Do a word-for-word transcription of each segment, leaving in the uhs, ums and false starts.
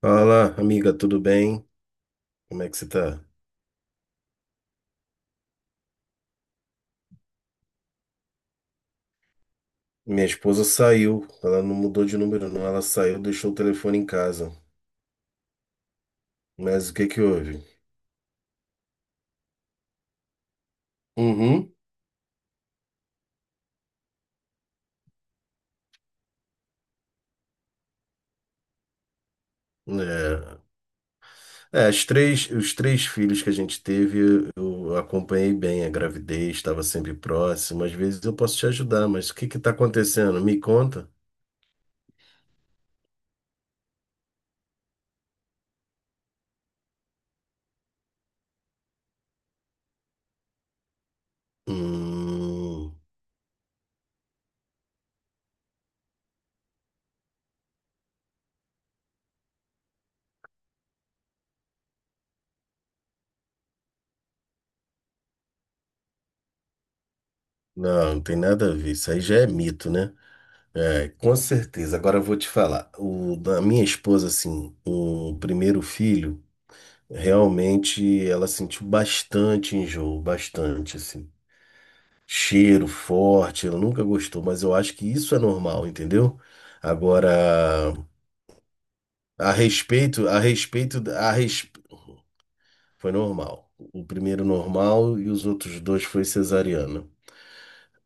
Fala, amiga, tudo bem? Como é que você tá? Minha esposa saiu, ela não mudou de número, não. Ela saiu, deixou o telefone em casa. Mas o que que houve? Uhum. É, é as três, os três filhos que a gente teve, eu acompanhei bem a gravidez, estava sempre próximo. Às vezes eu posso te ajudar, mas o que que tá acontecendo? Me conta. Hum, não, não tem nada a ver. Isso aí já é mito, né? É, com certeza. Agora eu vou te falar. O da minha esposa, assim, o primeiro filho, realmente ela sentiu bastante enjoo, bastante, assim. Cheiro forte, ela nunca gostou, mas eu acho que isso é normal, entendeu? Agora, a respeito, a respeito, a res... foi normal. O primeiro normal e os outros dois foi cesariana.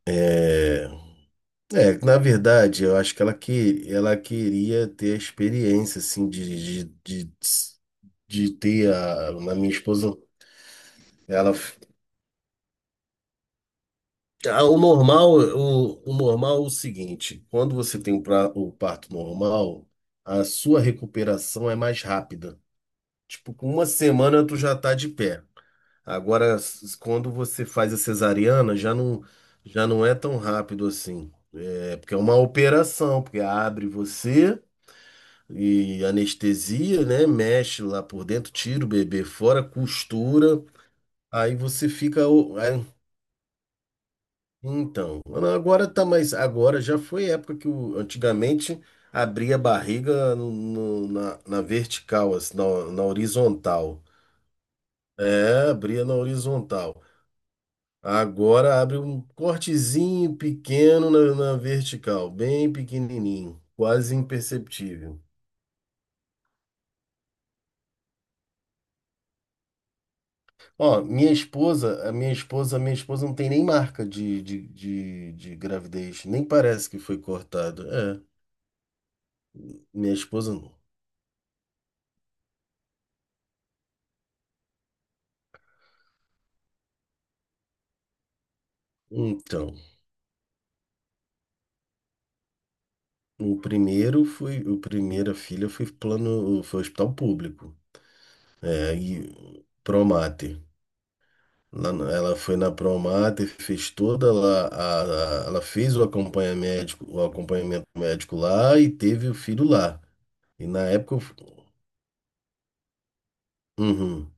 É, É, na verdade, eu acho que ela, que, ela queria ter a experiência, assim, de, de, de, de ter a, na minha esposa, ela, ah, o normal, o, o normal é o seguinte: quando você tem o, pra- o parto normal, a sua recuperação é mais rápida. Tipo, com uma semana tu já tá de pé. Agora, s- quando você faz a cesariana, já não, já não é tão rápido assim. É porque é uma operação, porque abre você e anestesia, né? Mexe lá por dentro, tira o bebê fora, costura, aí você fica. o- é, Então, agora tá mais. Agora já foi época que o- antigamente abria a barriga no- no- na, na vertical, assim, na, na horizontal. É, abria na horizontal. Agora abre um cortezinho pequeno na, na vertical, bem pequenininho, quase imperceptível. Ó, minha esposa, a minha esposa, a minha esposa não tem nem marca de, de, de, de gravidez, nem parece que foi cortado. É, minha esposa não. Então, o primeiro foi, o primeira filha foi plano, foi hospital público. É, e Promate. Lá no- Ela foi na Promate, fez toda lá, a, a- ela fez o acompanhamento médico, o acompanhamento médico lá e teve o filho lá. E na época, eu f- uhum.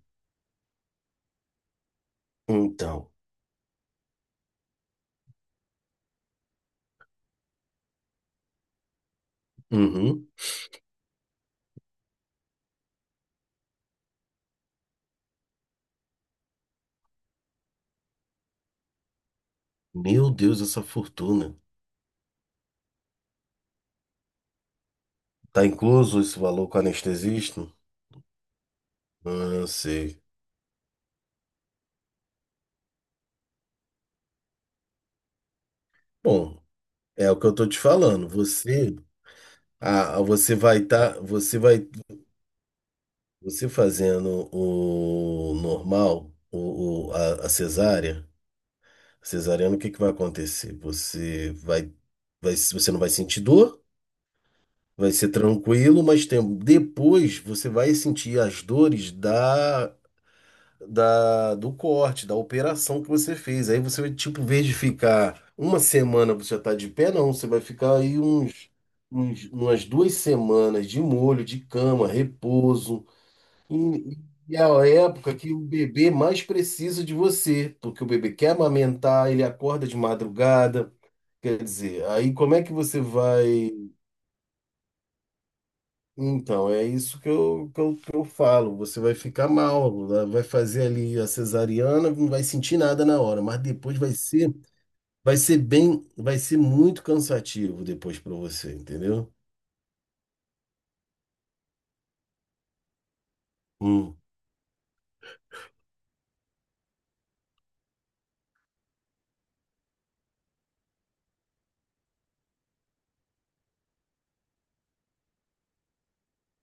Então, uhum. Meu Deus, essa fortuna. Tá incluso esse valor com anestesista? Ah, sei. Bom, é o que eu tô te falando. Você, ah, você vai estar, você vai, você fazendo o normal, o, o- a, a cesárea, cesariana, o que que vai acontecer? Você vai, vai, você não vai sentir dor, vai ser tranquilo, mas tem, depois você vai sentir as dores da da, do corte, da operação que você fez. Aí você vai, tipo, em vez de ficar uma semana você já tá de pé, não. Você vai ficar aí uns, uns, umas duas semanas de molho, de cama, repouso. E, e é a época que o bebê mais precisa de você, porque o bebê quer amamentar, ele acorda de madrugada. Quer dizer, aí como é que você vai. Então, é isso que eu, que eu, que eu falo. Você vai ficar mal, né? Vai fazer ali a cesariana, não vai sentir nada na hora, mas depois vai ser, vai ser bem, vai ser muito cansativo depois para você, entendeu? Hum.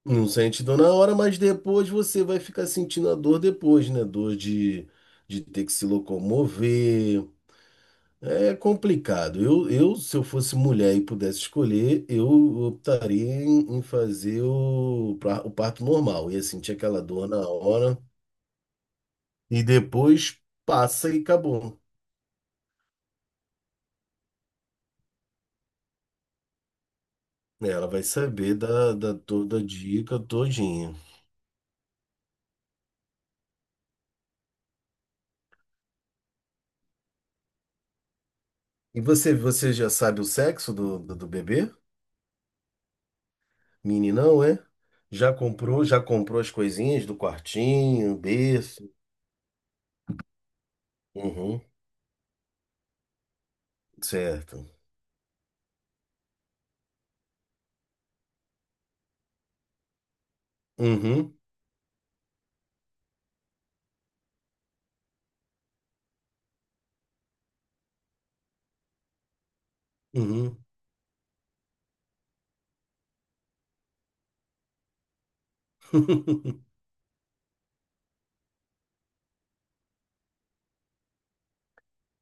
Não sente dor na hora, mas depois você vai ficar sentindo a dor depois, né? Dor de, de ter que se locomover. É complicado. Eu, eu, se eu fosse mulher e pudesse escolher, eu optaria em, em fazer o, pra- o parto normal. Ia sentir aquela dor na hora e depois passa e acabou. É, ela vai saber da, da toda a dica todinha. E você, você já sabe o sexo do, do, do bebê? Meninão, é? Já comprou, já comprou as coisinhas do quartinho, berço? Uhum, certo. Uhum, uhum.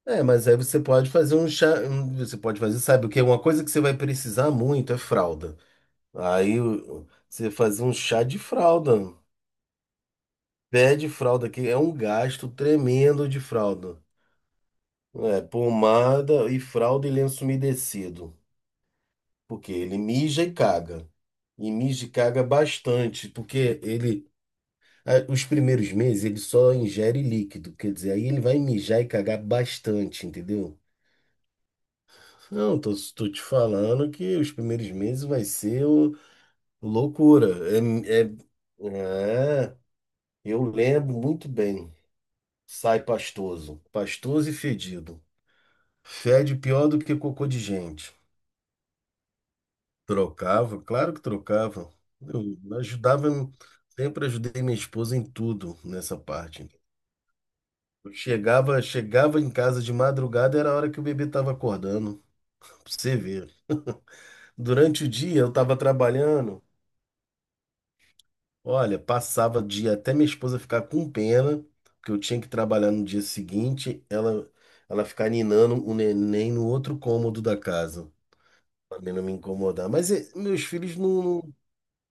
É, mas aí você pode fazer um chá, um- você pode fazer, sabe o que? Uma coisa que você vai precisar muito é fralda. Aí o- você fazer um chá de fralda, pé de fralda, que é um gasto tremendo de fralda. É, pomada e fralda e lenço umedecido, porque ele mija e caga. E mija e caga bastante, porque ele, a- os primeiros meses ele só ingere líquido, quer dizer, aí ele vai mijar e cagar bastante, entendeu? Não, tô, tô te falando que os primeiros meses vai ser o- loucura. É, é, é, eu lembro muito bem. Sai pastoso, pastoso e fedido. Fede pior do que cocô de gente. Trocava, claro que trocava. Eu ajudava, sempre ajudei minha esposa em tudo nessa parte. Eu chegava, chegava em casa de madrugada, era a hora que o bebê estava acordando. Pra você ver. Durante o dia eu estava trabalhando. Olha, passava dia até minha esposa ficar com pena, porque eu tinha que trabalhar no dia seguinte, ela ela ficar ninando o neném no outro cômodo da casa, pra mim não me incomodar. Mas eh, meus filhos não, não-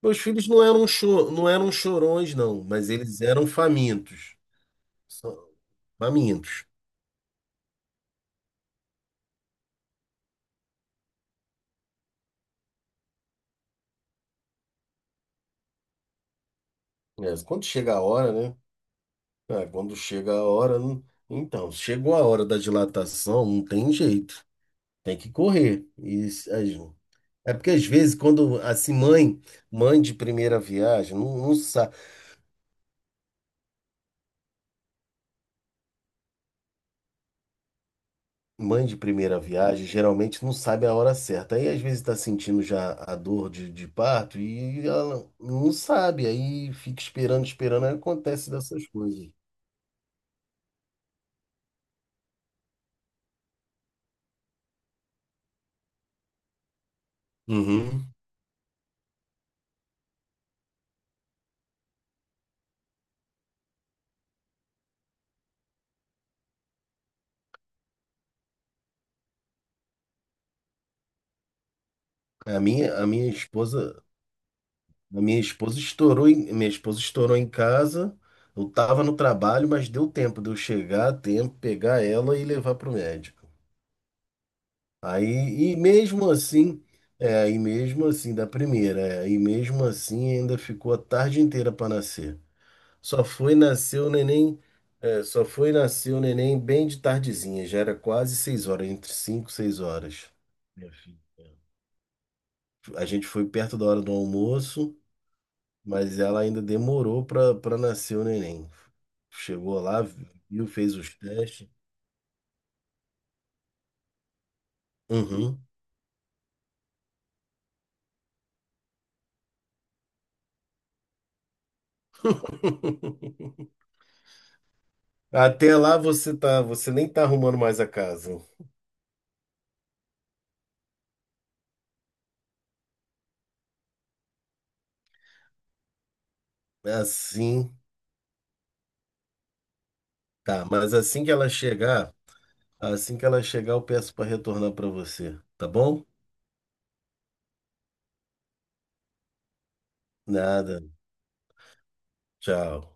meus filhos não eram cho- não eram chorões não, mas eles eram famintos. Só- famintos. É, quando chega a hora, né? Ah, quando chega a hora, não- então, chegou a hora da dilatação, não tem jeito. Tem que correr. E, é porque às vezes quando assim mãe, mãe de primeira viagem, não, não sa- mãe de primeira viagem geralmente não sabe a hora certa. Aí às vezes está sentindo já a dor de, de parto e ela não sabe, aí fica esperando, esperando, aí acontece dessas coisas. Uhum. A minha, a minha esposa, a minha esposa estourou em, minha esposa estourou em casa. Eu tava no trabalho, mas deu tempo de eu chegar a tempo, pegar ela e levar pro médico. Aí, e mesmo assim, é, e mesmo assim, da primeira, é, e mesmo assim ainda ficou a tarde inteira para nascer. Só foi nascer o neném, é, só foi nascer o neném bem de tardezinha, já era quase seis horas, entre cinco e seis horas. Minha filha. A gente foi perto da hora do almoço, mas ela ainda demorou para para nascer o neném. Chegou lá, viu, fez os testes. Uhum. Até lá você tá, você nem tá arrumando mais a casa. Assim, tá. Mas assim que ela chegar, assim que ela chegar, eu peço para retornar para você, tá bom? Nada. Tchau.